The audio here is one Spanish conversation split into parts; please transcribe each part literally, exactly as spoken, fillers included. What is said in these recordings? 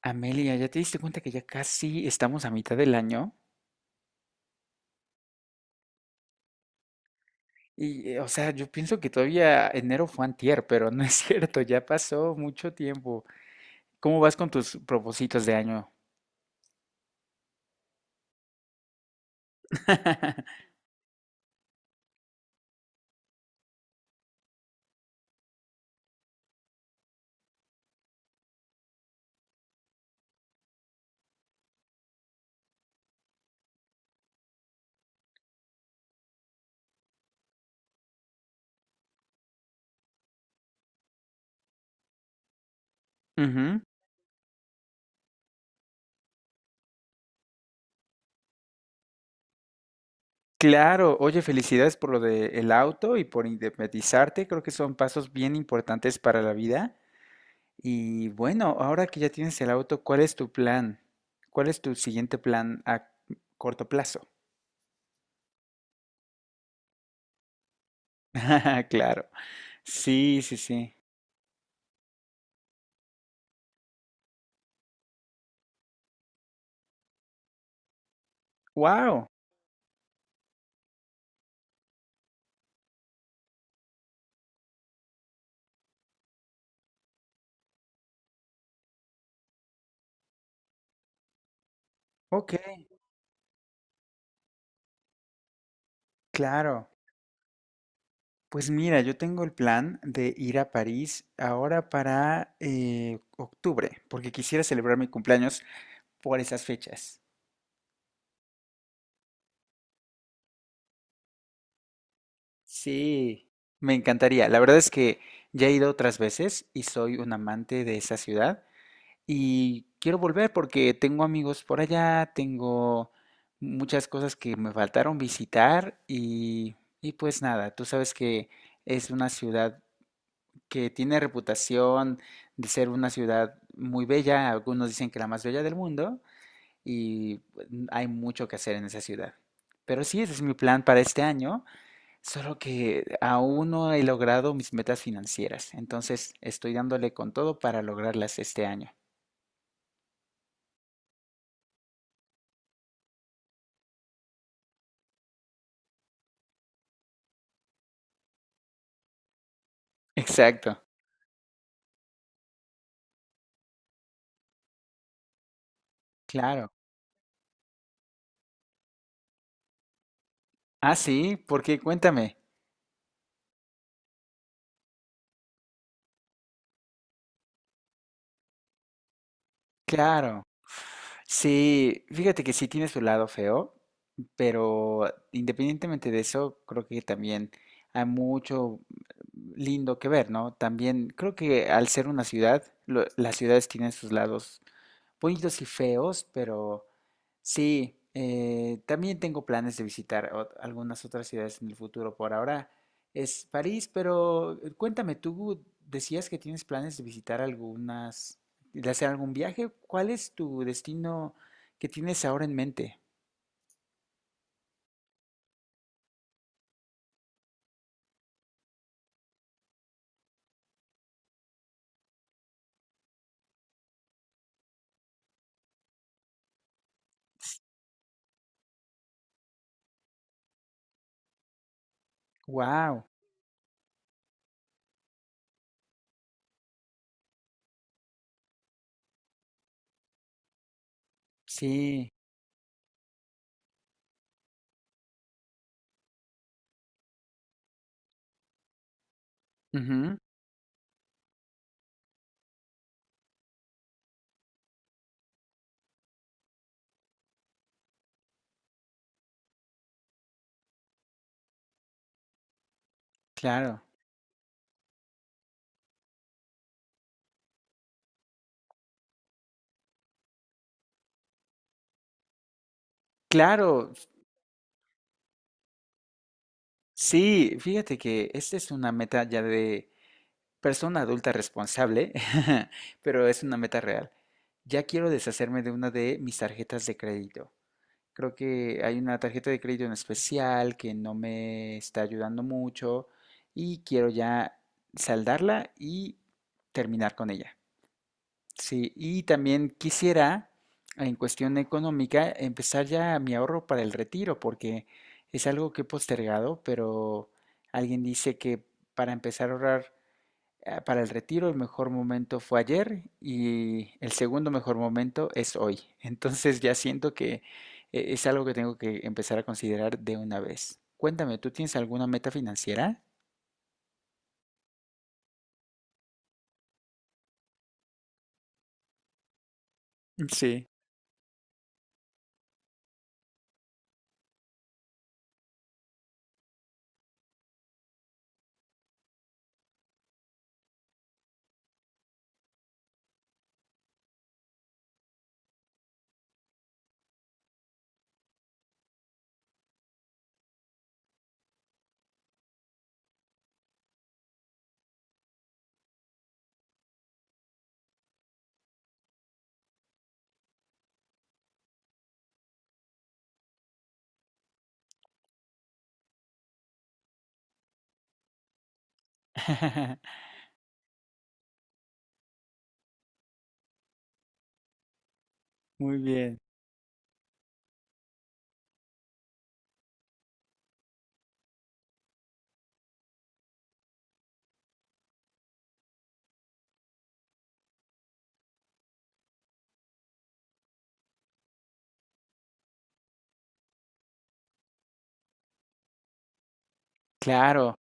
Amelia, ¿ya te diste cuenta que ya casi estamos a mitad del año? Y, eh, o sea, yo pienso que todavía enero fue antier, pero no es cierto, ya pasó mucho tiempo. ¿Cómo vas con tus propósitos de año? Ujú. Claro, oye, felicidades por lo del auto y por independizarte. Creo que son pasos bien importantes para la vida. Y bueno, ahora que ya tienes el auto, ¿cuál es tu plan? ¿Cuál es tu siguiente plan a corto plazo? Claro, sí, sí, sí. Wow, ok. Claro, pues mira, yo tengo el plan de ir a París ahora para eh, octubre, porque quisiera celebrar mi cumpleaños por esas fechas. Sí, me encantaría. La verdad es que ya he ido otras veces y soy un amante de esa ciudad y quiero volver porque tengo amigos por allá, tengo muchas cosas que me faltaron visitar y, y pues nada, tú sabes que es una ciudad que tiene reputación de ser una ciudad muy bella, algunos dicen que la más bella del mundo, y pues, hay mucho que hacer en esa ciudad. Pero sí, ese es mi plan para este año, solo que aún no he logrado mis metas financieras, entonces estoy dándole con todo para lograrlas este año. Exacto, claro. Ah, sí, porque cuéntame. Claro. Sí, fíjate que sí tiene su lado feo, pero independientemente de eso, creo que también hay mucho lindo que ver, ¿no? También creo que al ser una ciudad, lo- las ciudades tienen sus lados bonitos y feos, pero sí, eh, también tengo planes de visitar ot- algunas otras ciudades en el futuro. Por ahora es París, pero eh, cuéntame, tú decías que tienes planes de visitar algunas, de hacer algún viaje. ¿Cuál es tu destino que tienes ahora en mente? Wow, sí, ujú, claro, claro, sí. Fíjate que esta es una meta ya de persona adulta responsable, pero es una meta real. Ya quiero deshacerme de una de mis tarjetas de crédito. Creo que hay una tarjeta de crédito en especial que no me está ayudando mucho y quiero ya saldarla y terminar con ella. Sí, y también quisiera, en cuestión económica, empezar ya mi ahorro para el retiro, porque es algo que he postergado, pero alguien dice que para empezar a ahorrar ah, para el retiro el mejor momento fue ayer y el segundo mejor momento es hoy. Entonces ya siento que eh, es algo que tengo que empezar a considerar de una vez. Cuéntame, ¿tú tienes alguna meta financiera? Sí. Muy bien. Claro.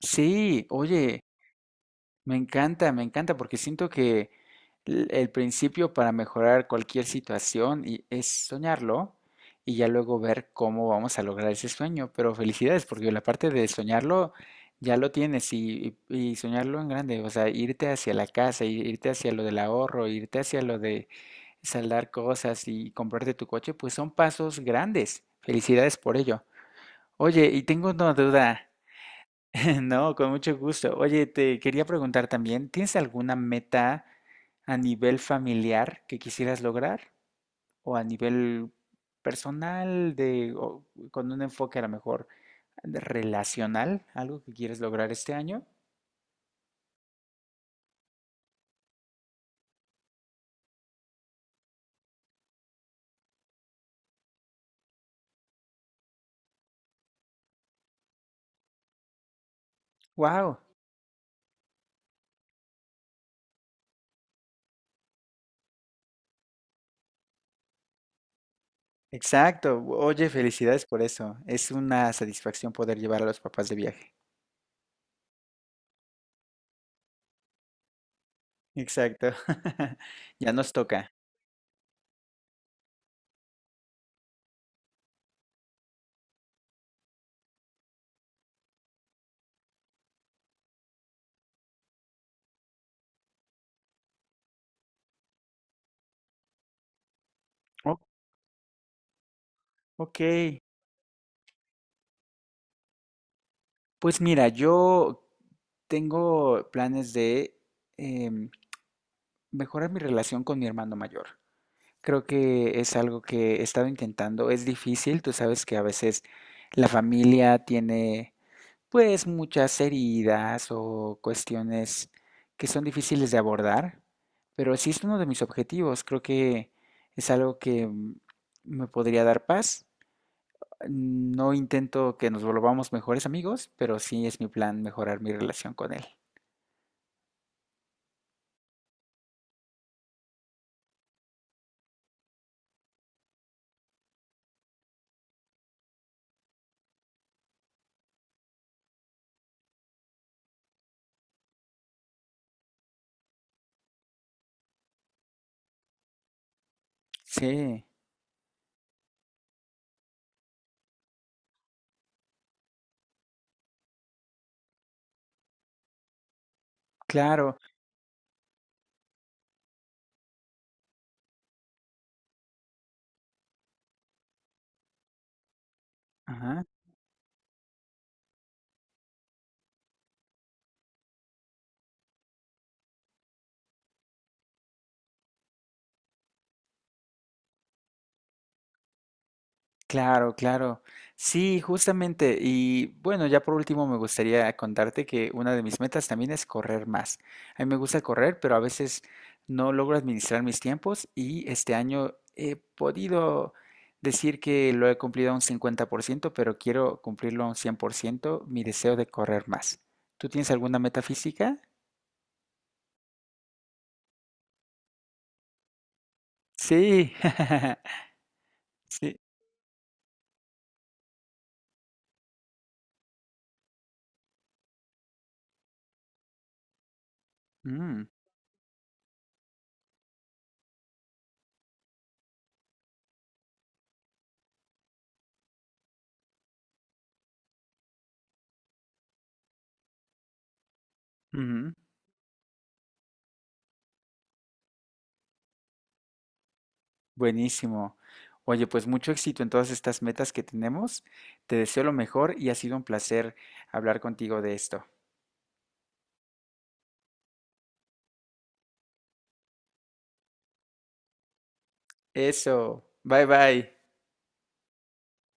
Sí, oye, me encanta, me encanta, porque siento que l- el principio para mejorar cualquier situación y- es soñarlo y ya luego ver cómo vamos a lograr ese sueño. Pero felicidades, porque la parte de soñarlo ya lo tienes y, y- y soñarlo en grande, o sea, irte hacia la casa, i- irte hacia lo del ahorro, irte hacia lo de saldar cosas y comprarte tu coche, pues son pasos grandes. Felicidades por ello. Oye, y tengo una duda. No, con mucho gusto. Oye, te quería preguntar también, ¿tienes alguna meta a nivel familiar que quisieras lograr? ¿O a nivel personal, de, o con un enfoque a lo mejor de relacional, algo que quieres lograr este año? ¡Wow! Exacto. Oye, felicidades por eso. Es una satisfacción poder llevar a los papás de viaje. Exacto. Ya nos toca. Oh, ok. Pues mira, yo tengo planes de em, mejorar mi relación con mi hermano mayor. Creo que es algo que he estado intentando. Es difícil, tú sabes que a veces la familia tiene pues muchas heridas o cuestiones que son difíciles de abordar, pero sí es uno de mis objetivos. Creo que es algo que mm, me podría dar paz. No intento que nos volvamos mejores amigos, pero sí es mi plan mejorar mi relación con él. Sí, claro, ajá, claro, claro. Sí, justamente. Y bueno, ya por último me gustaría contarte que una de mis metas también es correr más. A mí me gusta correr, pero a veces no logro administrar mis tiempos y este año he podido decir que lo he cumplido a un cincuenta por ciento, pero quiero cumplirlo a un cien por ciento. Mi deseo de correr más. ¿Tú tienes alguna meta física? Sí, sí. Mm, ujú. Buenísimo. Oye, pues mucho éxito en todas estas metas que tenemos. Te deseo lo mejor y ha sido un placer hablar contigo de esto. Eso. Bye bye.